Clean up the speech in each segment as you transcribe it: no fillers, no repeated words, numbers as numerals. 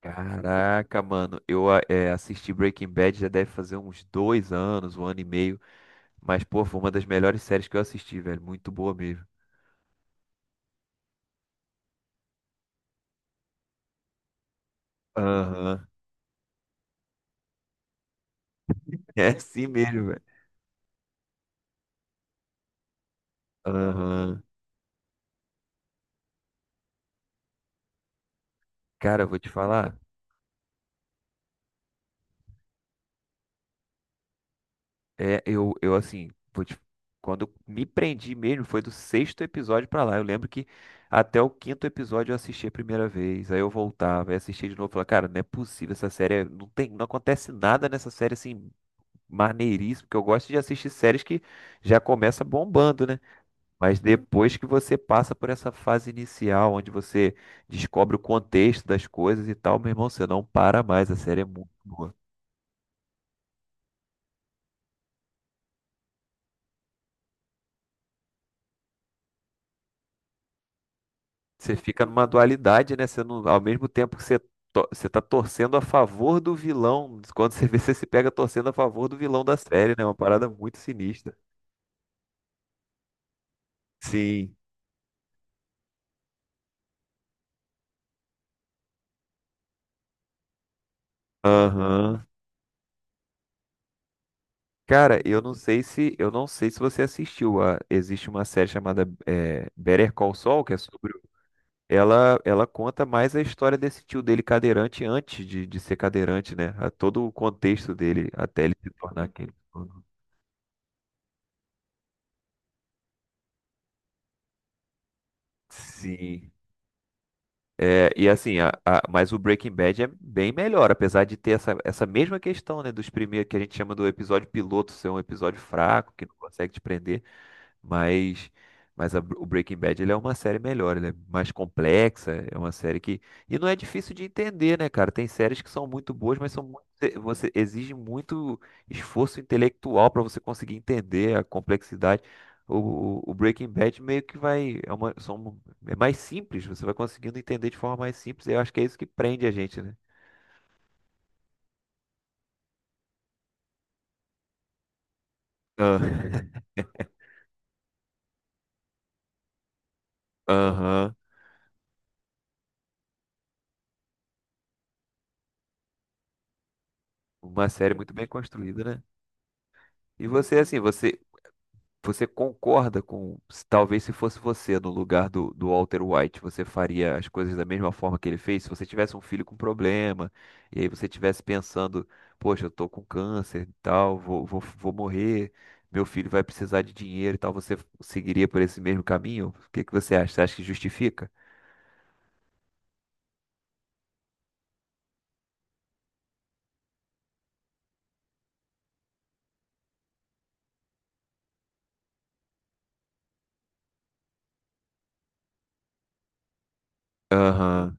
Caraca, mano, eu assisti Breaking Bad, já deve fazer uns 2 anos, um ano e meio, mas pô, foi uma das melhores séries que eu assisti, velho, muito boa mesmo. Aham. É assim mesmo, velho. Aham. Cara, eu vou te falar, eu assim, quando eu me prendi mesmo, foi do sexto episódio pra lá. Eu lembro que até o quinto episódio eu assisti a primeira vez, aí eu voltava, aí assistia de novo, falava, cara, não é possível essa série, não tem, não acontece nada nessa série assim. Maneiríssimo, que eu gosto de assistir séries que já começa bombando, né? Mas depois que você passa por essa fase inicial, onde você descobre o contexto das coisas e tal, meu irmão, você não para mais, a série é muito boa. Você fica numa dualidade, né? Você não, ao mesmo tempo que você, você tá torcendo a favor do vilão, quando você vê, você se pega torcendo a favor do vilão da série, né? Uma parada muito sinistra. Sim. Aham. Cara, eu não sei se você assistiu. Existe uma série chamada Better Call Saul, que é sobre. Ela conta mais a história desse tio dele cadeirante antes de ser cadeirante, né? A todo o contexto dele até ele se tornar quem ele se tornou. Sim. É, e assim, mas o Breaking Bad é bem melhor, apesar de ter essa mesma questão, né? Dos primeiros que a gente chama do episódio piloto ser um episódio fraco, que não consegue te prender. Mas, mas o Breaking Bad ele é uma série melhor, ele é mais complexa, é uma série que. E não é difícil de entender, né, cara? Tem séries que são muito boas, mas são muito, você exige muito esforço intelectual para você conseguir entender a complexidade. O Breaking Bad meio que vai. É mais simples, você vai conseguindo entender de forma mais simples, e eu acho que é isso que prende a gente, né? Ah. Aham. Uma série muito bem construída, né? E você, assim, você concorda com, talvez se fosse você no lugar do Walter White, você faria as coisas da mesma forma que ele fez? Se você tivesse um filho com problema, e aí você estivesse pensando, poxa, eu tô com câncer e tal, vou morrer, meu filho vai precisar de dinheiro e tal, você seguiria por esse mesmo caminho? O que que você acha? Você acha que justifica? Aham,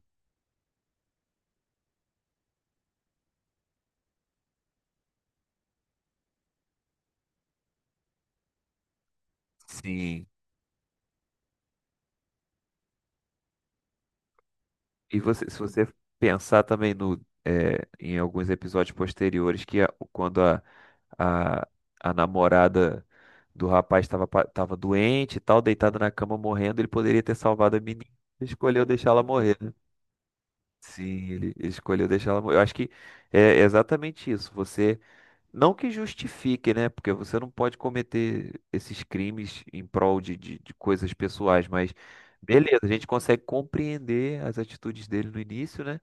sim. E você, se você pensar também no, eh, em alguns episódios posteriores, que quando a, a namorada do rapaz tava doente e tal, deitada na cama morrendo, ele poderia ter salvado a menina. Escolheu deixá-la morrer, né? Sim, ele escolheu deixar ela morrer. Eu acho que é exatamente isso. Você não que justifique, né? Porque você não pode cometer esses crimes em prol de coisas pessoais, mas beleza, a gente consegue compreender as atitudes dele no início, né?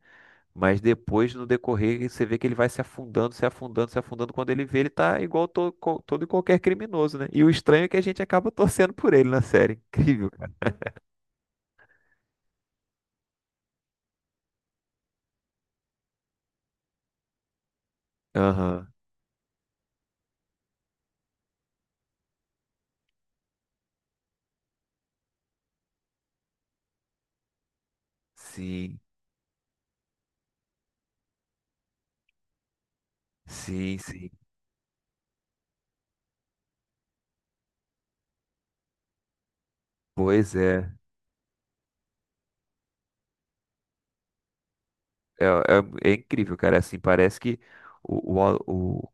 Mas depois, no decorrer, você vê que ele vai se afundando, se afundando, se afundando. Quando ele vê, ele tá igual todo e qualquer criminoso, né? E o estranho é que a gente acaba torcendo por ele na série. Incrível. Aham. Sim, sim, sim. Pois é. É, é incrível, cara. É, assim, parece que o, o, o,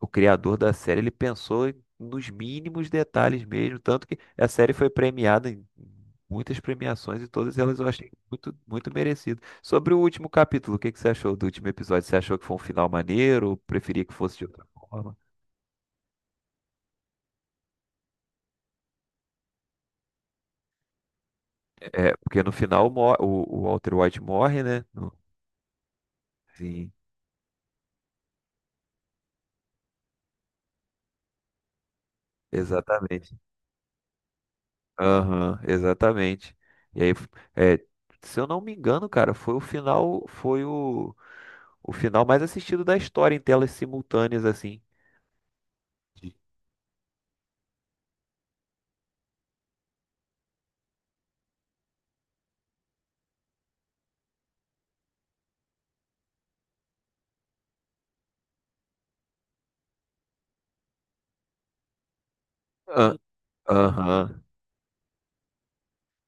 o criador da série ele pensou nos mínimos detalhes mesmo. Tanto que a série foi premiada em muitas premiações e todas elas eu achei muito, muito merecido. Sobre o último capítulo, o que que você achou do último episódio? Você achou que foi um final maneiro ou preferia que fosse de outra forma? É, porque no final o Walter White morre, né? Sim, exatamente. Aham, exatamente. E aí, é, se eu não me engano, cara, foi o final mais assistido da história em telas simultâneas, assim. De- Ah. Aham.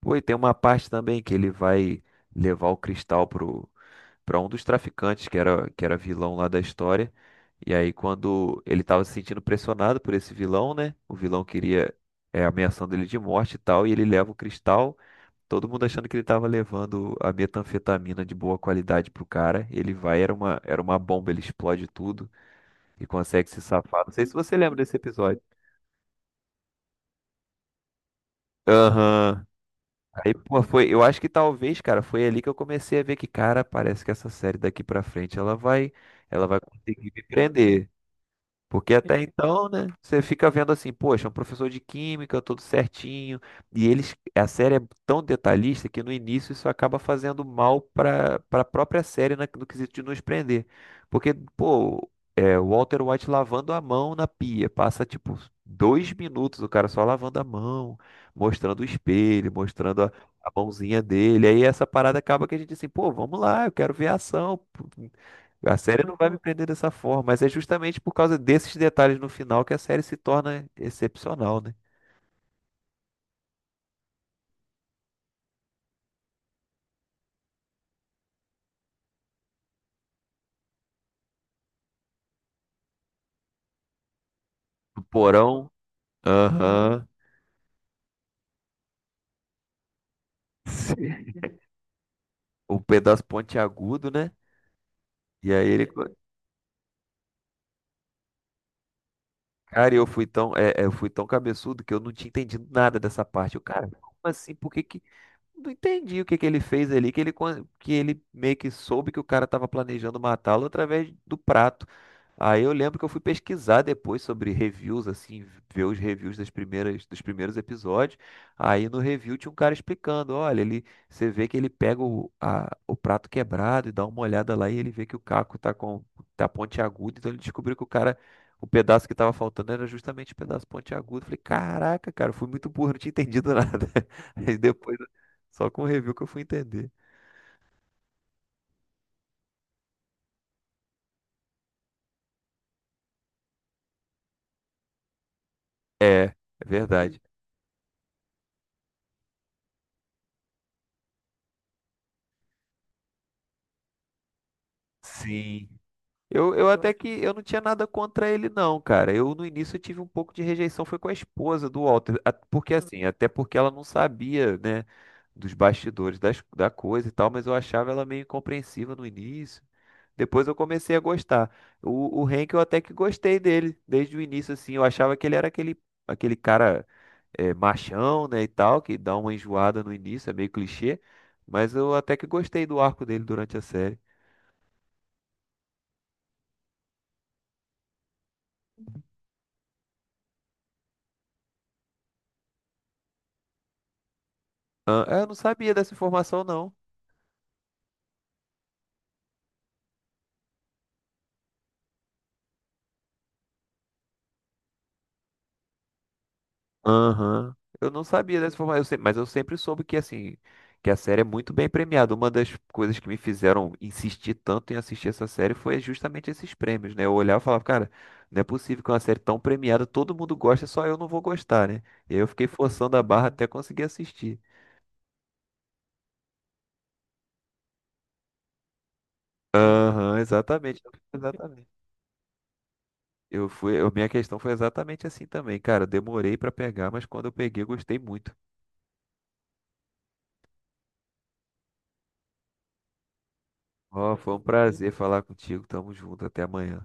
Pô, e tem uma parte também que ele vai levar o cristal pra um dos traficantes, que era vilão lá da história. E aí, quando ele tava se sentindo pressionado por esse vilão, né? O vilão queria, ameaçando ele de morte e tal, e ele leva o cristal. Todo mundo achando que ele tava levando a metanfetamina de boa qualidade pro cara. Ele vai, era uma bomba, ele explode tudo e consegue se safar. Não sei se você lembra desse episódio. Aham. Aí, pô, foi. Eu acho que talvez, cara, foi ali que eu comecei a ver que, cara, parece que essa série daqui pra frente ela vai conseguir me prender. Porque até então, né, você fica vendo assim, poxa, é um professor de química, tudo certinho, e eles, a série é tão detalhista que no início isso acaba fazendo mal para a própria série no quesito de nos prender. Porque, pô, o Walter White lavando a mão na pia, passa tipo 2 minutos o cara só lavando a mão, mostrando o espelho, mostrando a mãozinha dele, aí essa parada acaba que a gente assim, pô, vamos lá, eu quero ver a ação, a série não vai me prender dessa forma, mas é justamente por causa desses detalhes no final que a série se torna excepcional, né? O porão, aham. O pedaço pontiagudo, né? E aí cara, eu fui tão cabeçudo que eu não tinha entendido nada dessa parte. Eu, cara, como assim? Por que que não entendi o que que ele fez ali, que ele meio que soube que o cara tava planejando matá-lo através do prato. Aí eu lembro que eu fui pesquisar depois sobre reviews, assim, ver os reviews dos primeiros episódios. Aí no review tinha um cara explicando, olha, ele, você vê que ele pega o prato quebrado e dá uma olhada lá e ele vê que o caco tá pontiagudo, então ele descobriu que o pedaço que tava faltando era justamente o pedaço pontiagudo. Falei, caraca, cara, eu fui muito burro, não tinha entendido nada. Aí depois, só com o review que eu fui entender. É, é verdade. Sim. Eu até que eu não tinha nada contra ele não, cara. Eu no início eu tive um pouco de rejeição, foi com a esposa do Walter, porque assim, até porque ela não sabia, né, dos bastidores da coisa e tal, mas eu achava ela meio incompreensiva no início. Depois eu comecei a gostar. O Hank eu até que gostei dele desde o início, assim, eu achava que ele era aquele cara machão, né, e tal, que dá uma enjoada no início, é meio clichê, mas eu até que gostei do arco dele durante a série. Ah, eu não sabia dessa informação não. Aham. Eu não sabia dessa forma, eu se- mas eu sempre soube que assim, que a série é muito bem premiada. Uma das coisas que me fizeram insistir tanto em assistir essa série foi justamente esses prêmios, né? Eu olhava e falava, cara, não é possível que uma série tão premiada, todo mundo gosta, só eu não vou gostar, né? E aí eu fiquei forçando a barra até conseguir assistir. Aham, exatamente, exatamente. Minha questão foi exatamente assim também, cara. Eu demorei pra pegar, mas quando eu peguei, eu gostei muito. Ó, foi um prazer falar contigo. Tamo junto, até amanhã.